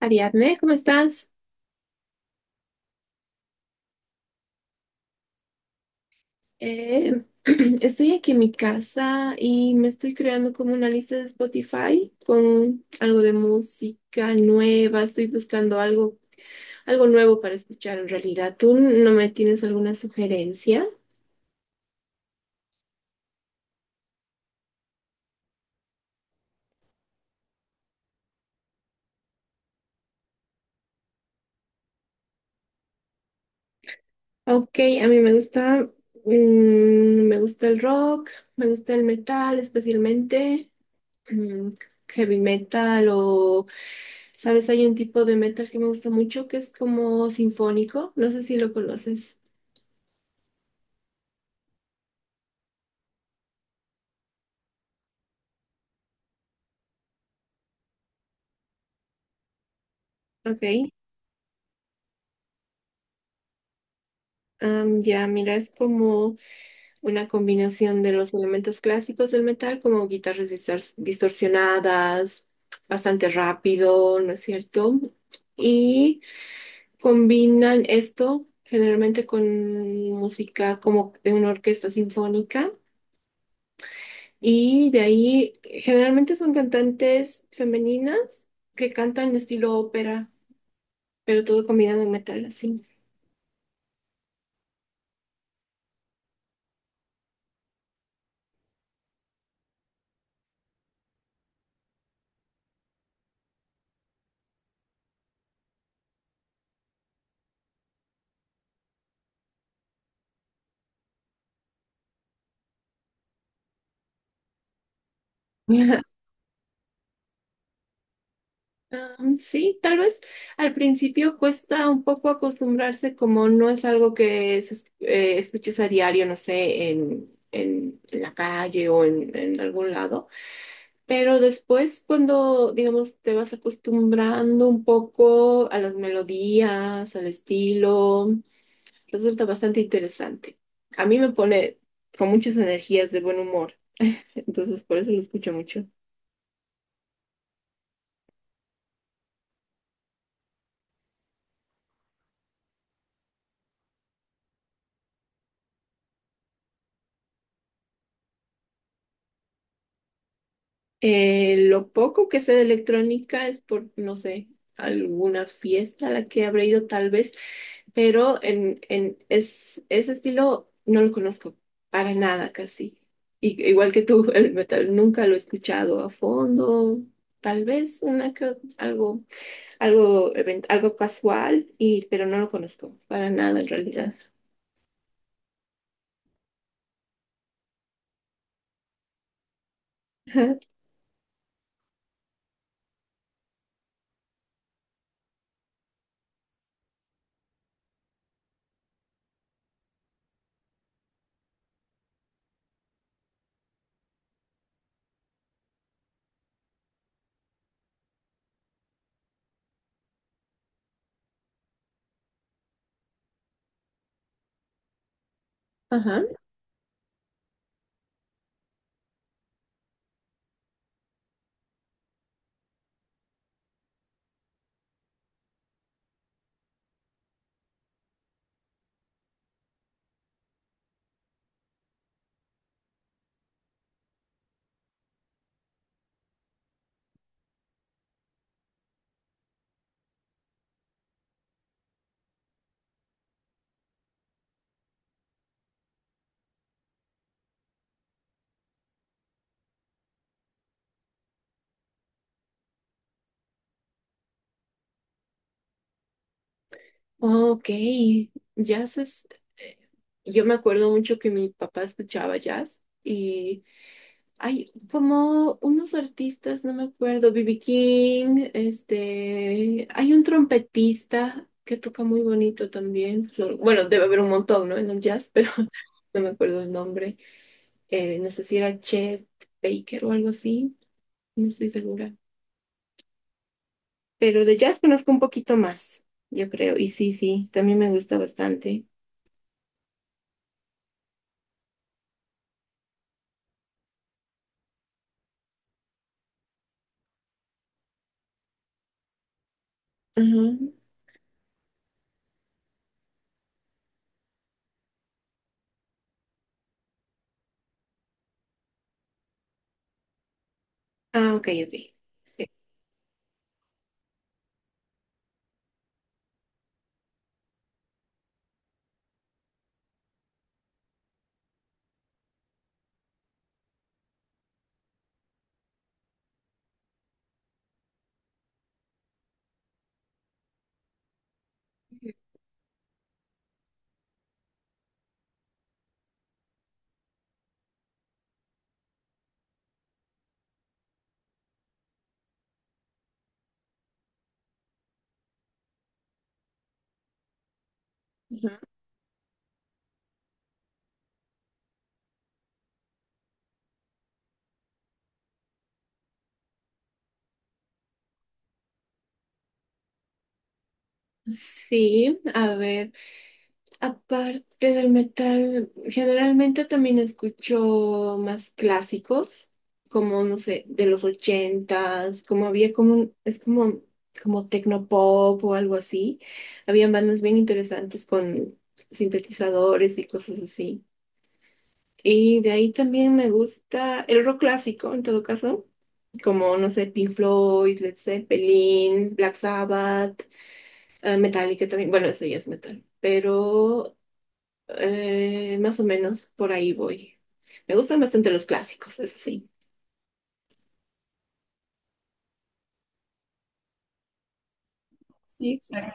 Ariadne, ¿cómo estás? Eh, estoy aquí en mi casa y me estoy creando como una lista de Spotify con algo de música nueva. Estoy buscando algo, algo nuevo para escuchar en realidad. ¿Tú no me tienes alguna sugerencia? Ok, a mí me gusta, mm, me gusta el rock, me gusta el metal, especialmente mm, heavy metal o ¿sabes? Hay un tipo de metal que me gusta mucho que es como sinfónico. No sé si lo conoces. Ok, ya, mira, es como, una combinación de los elementos clásicos del metal, como guitarras distorsionadas, bastante rápido, ¿no es cierto? Y combinan esto generalmente con música como de una orquesta sinfónica. Y de ahí generalmente son cantantes femeninas que cantan estilo ópera, pero todo combinado en metal así. Sí, tal vez al principio cuesta un poco acostumbrarse, como no es algo que escuches a diario, no sé, en la calle o en algún lado, pero después cuando, digamos, te vas acostumbrando un poco a las melodías, al estilo, resulta bastante interesante. A mí me pone con muchas energías de buen humor, entonces por eso lo escucho mucho. Lo poco que sé de electrónica es por, no sé, alguna fiesta a la que habré ido tal vez, pero ese estilo no lo conozco para nada casi. Y, igual que tú, el metal nunca lo he escuchado a fondo, tal vez algo, algo casual, pero no lo conozco para nada en realidad. Ajá. Ok, jazz es... eh, yo me acuerdo mucho que mi papá escuchaba jazz y hay como unos artistas, no me acuerdo, B.B. King, este, hay un trompetista que toca muy bonito también. Solo- Bueno, debe haber un montón, ¿no? En el jazz, pero no me acuerdo el nombre. No sé si era Chet Baker o algo así, no estoy segura. Pero de jazz conozco un poquito más, yo creo, y sí, sí, también me gusta bastante. Ujú. Ah, ok, ok. Ujú. Sí, a ver, aparte del metal, generalmente también escucho más clásicos, como, no sé, de los ochentas, como es como, como tecnopop o algo así. Habían bandas bien interesantes con sintetizadores y cosas así. Y de ahí también me gusta el rock clásico, en todo caso, como, no sé, Pink Floyd, Led Zeppelin, Black Sabbath, Metallica también. Bueno, eso ya es metal. Pero más o menos por ahí voy. Me gustan bastante los clásicos, eso sí. Sí, exacto.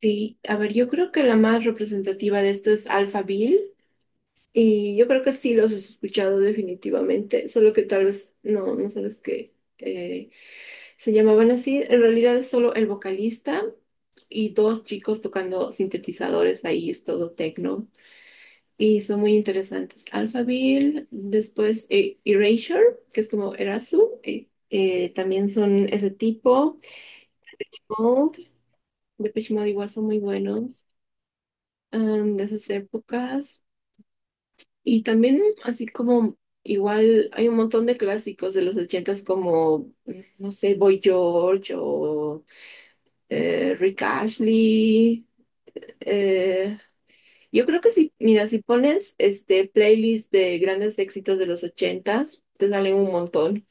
Sí, a ver, yo creo que la más representativa de esto es Alphaville. Y yo creo que sí los has escuchado definitivamente. Solo que tal vez no sabes que se llamaban así. En realidad es solo el vocalista y dos chicos tocando sintetizadores ahí, es todo techno. Y son muy interesantes. Alphaville, después Erasure, que es como también son ese tipo. Mode, Depeche Mode igual son muy buenos, de esas épocas. Y también así como igual hay un montón de clásicos de los ochentas como, no sé, Boy George o Rick Ashley. eh, Yo creo que si, mira, si pones este playlist de grandes éxitos de los ochentas, te salen un montón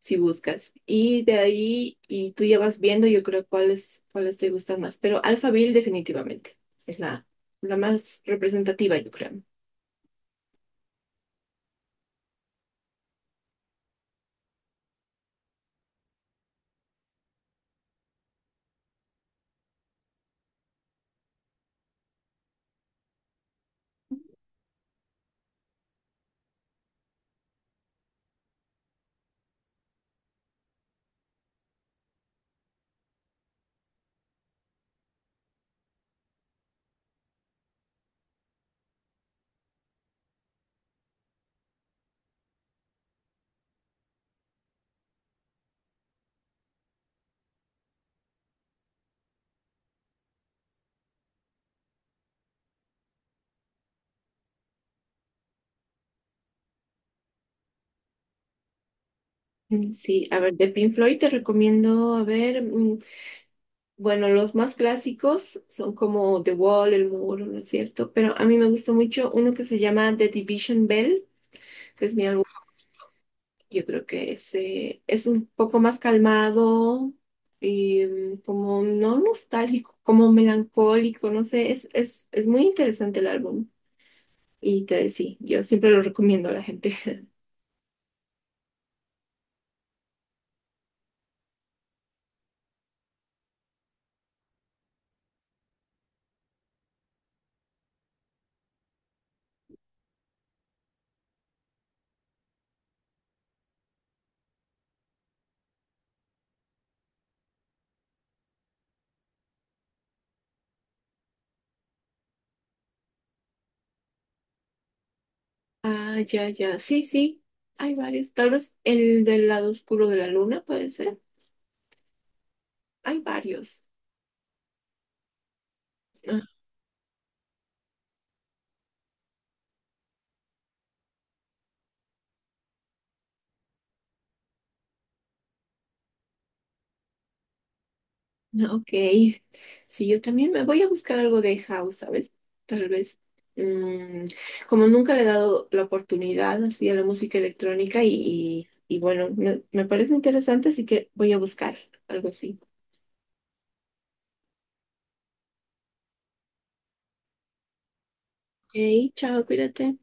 si buscas. Y de ahí, y tú ya vas viendo, yo creo cuáles te gustan más. Pero Alphaville definitivamente es la más representativa, yo creo. Sí, a ver, de Pink Floyd te recomiendo, a ver, bueno, los más clásicos son como The Wall, El Muro, ¿no es cierto? Pero a mí me gusta mucho uno que se llama The Division Bell, que es mi álbum. Yo creo que ese es un poco más calmado y como no nostálgico, como melancólico, no sé, es muy interesante el álbum. Y te, sí, yo siempre lo recomiendo a la gente. Ah, ya, ya, sí, sí, hay varios. Tal vez el del lado oscuro de la luna puede ser. Hay varios. Ah, ok, sí, yo también me voy a buscar algo de house, ¿sabes? Tal vez, mm, como nunca le he dado la oportunidad así a la música electrónica y bueno, me parece interesante, así que voy a buscar algo así. Ok, chao, cuídate.